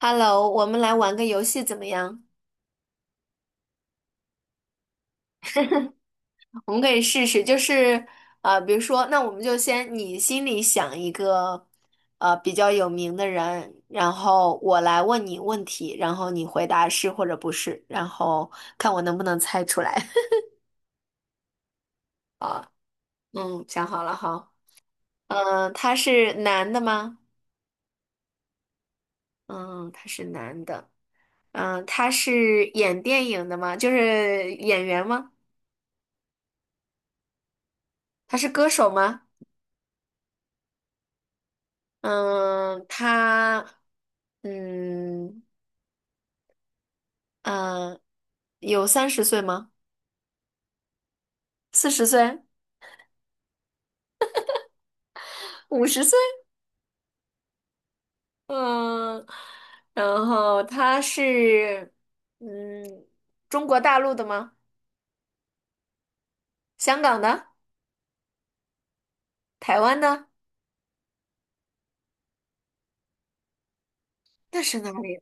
Hello，我们来玩个游戏怎么样？我们可以试试，就是比如说，那我们就先你心里想一个比较有名的人，然后我来问你问题，然后你回答是或者不是，然后看我能不能猜出来。啊，嗯，想好了哈。嗯，他是男的吗？嗯，他是男的。嗯，他是演电影的吗？就是演员吗？他是歌手吗？嗯，他。嗯嗯，呃，有30岁吗？四十岁？50岁？嗯，然后他是嗯中国大陆的吗？香港的？台湾的？那是哪里？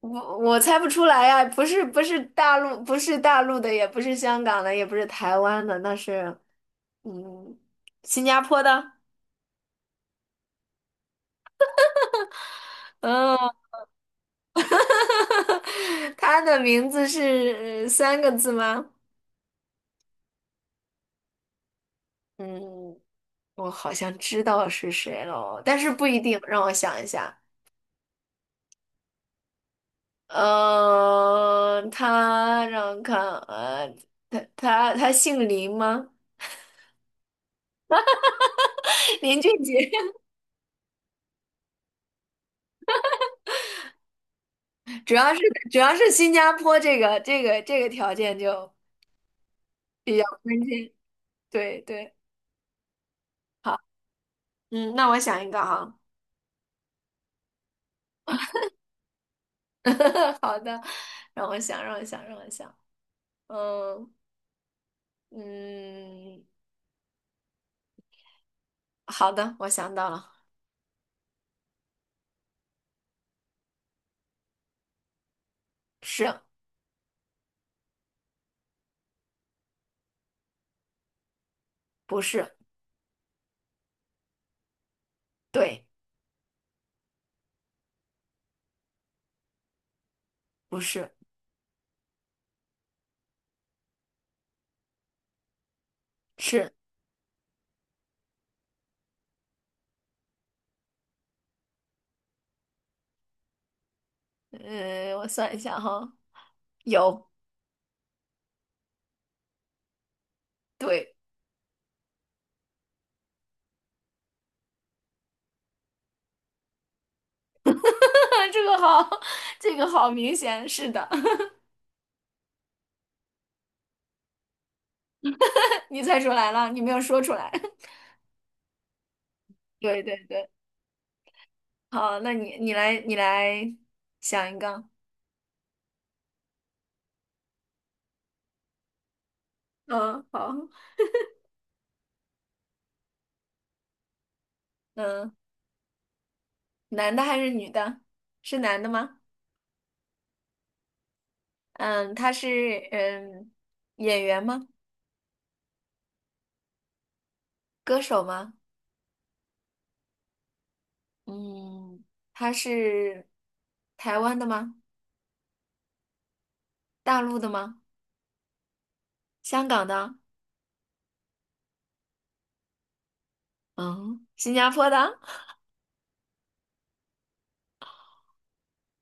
我猜不出来呀，不是大陆，不是大陆的，也不是香港的，也不是台湾的，那是嗯新加坡的。嗯，他的名字是3个字吗？嗯。我好像知道是谁了，但是不一定。让我想一下，嗯，他让我看，他姓林吗？林俊杰，主要是新加坡这个条件就比较关键。对对，嗯，那我想一个哈，好的，让我想，让我想，让我想，嗯嗯，好的，我想到了，是不是？对，不是。是。我算一下哈，有，对，这个好，这个好明显，是的，你猜出来了，你没有说出来。对对对，好，那你来想一个，嗯，好，嗯，男的还是女的？是男的吗？嗯，他是嗯演员吗？歌手吗？嗯，他是台湾的吗？大陆的吗？香港的？嗯，新加坡的？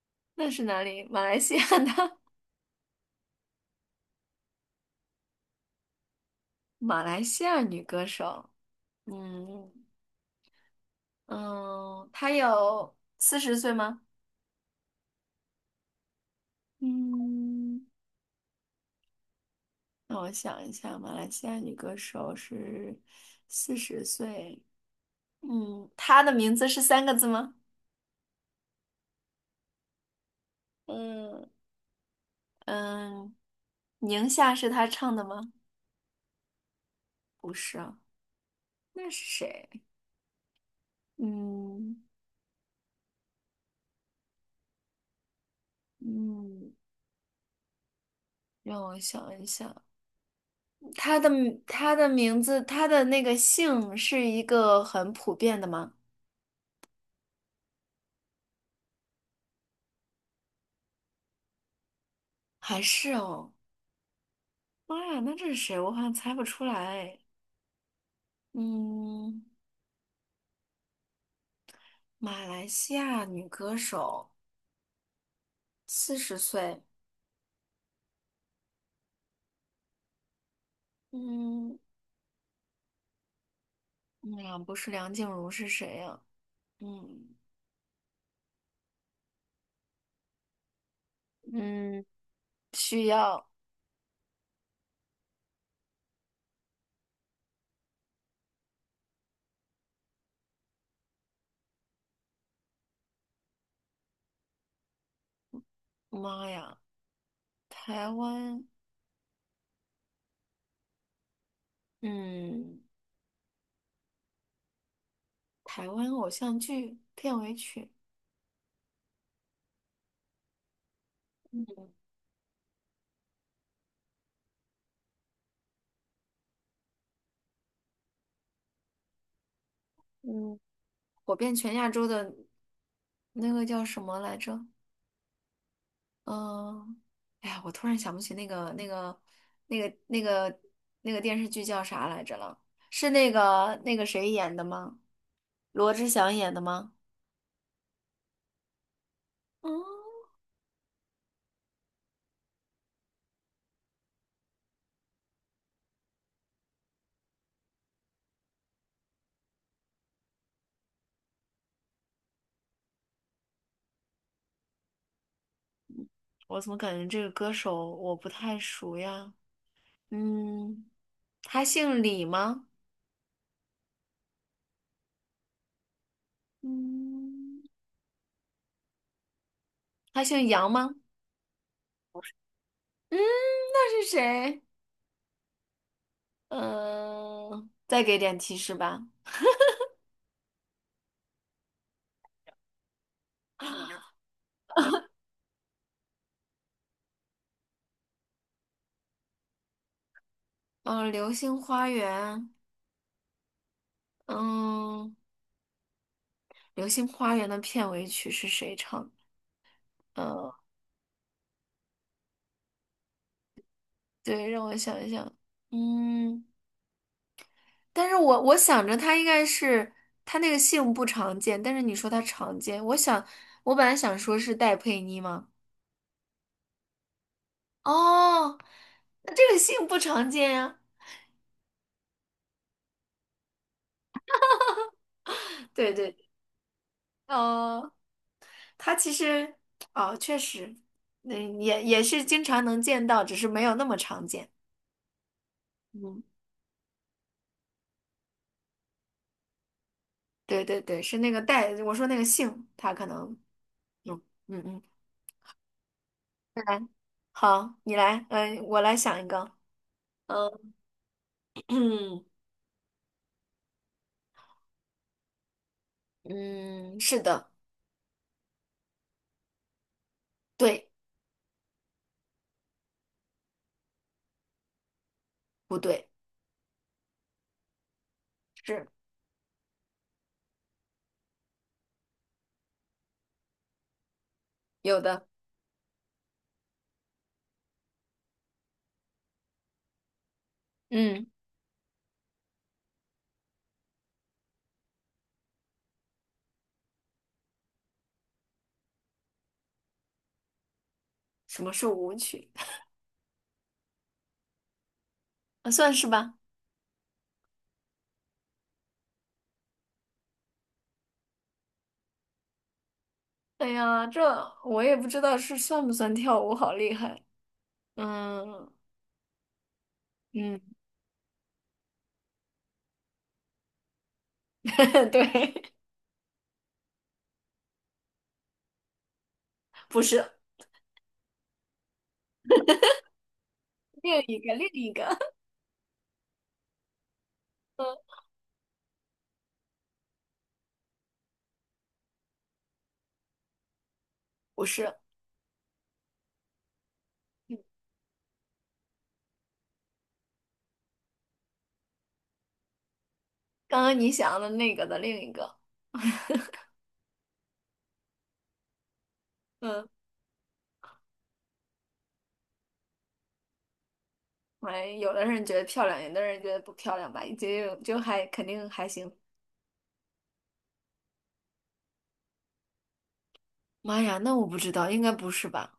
那是哪里？马来西亚的？马来西亚女歌手，嗯嗯，她有四十岁吗？嗯，让我想一下，马来西亚女歌手是四十岁，嗯，她的名字是三个字吗？嗯嗯，宁夏是她唱的吗？不是啊，那是谁？嗯嗯，让我想一想，她的她的名字，她的那个姓是一个很普遍的吗？还是哦。妈呀，那这是谁？我好像猜不出来。嗯，马来西亚女歌手，四十岁。嗯，那不是梁静茹是谁呀。嗯嗯，需要。妈呀，台湾，嗯，台湾偶像剧片尾曲，嗯，火遍全亚洲的那个叫什么来着？嗯，哎呀，我突然想不起那个那个那个电视剧叫啥来着了？是那个谁演的吗？罗志祥演的吗？嗯，我怎么感觉这个歌手我不太熟呀？嗯，他姓李吗？嗯他姓杨吗？嗯，那是谁？嗯，再给点提示吧。嗯，《流星花园》。嗯，《流星花园》的片尾曲是谁唱的？呃，对，让我想一想，嗯，但是我想着他应该是他那个姓不常见，但是你说他常见，我想我本来想说是戴佩妮吗？哦，那这个姓不常见呀。对对，呃，他其实哦，确实，那也是经常能见到，只是没有那么常见。嗯，对对对，是那个戴，我说那个姓，他可能。嗯嗯嗯。来，好，你来，嗯，我来想一个，嗯，嗯，是的，对，不对，是有的，嗯，什么是舞曲？啊算是吧。哎呀，这我也不知道是算不算跳舞，好厉害。嗯嗯，对，不是另一个，另一个，嗯，不是刚刚你想的那个的另一个，嗯，哎，有的人觉得漂亮，有的人觉得不漂亮吧，就还肯定还行。妈呀，那我不知道，应该不是吧？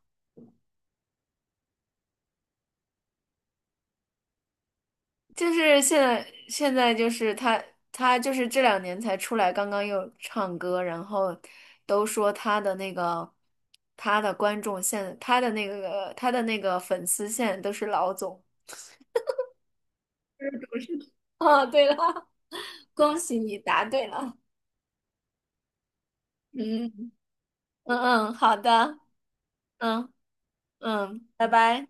就是现在，现在就是他，他就是这2年才出来，刚刚又唱歌，然后都说他的那个，他的观众现，他的那个，他的那个粉丝现在都是老总。不是哦，对了，恭喜你答对了。嗯嗯嗯，好的，嗯嗯，拜拜。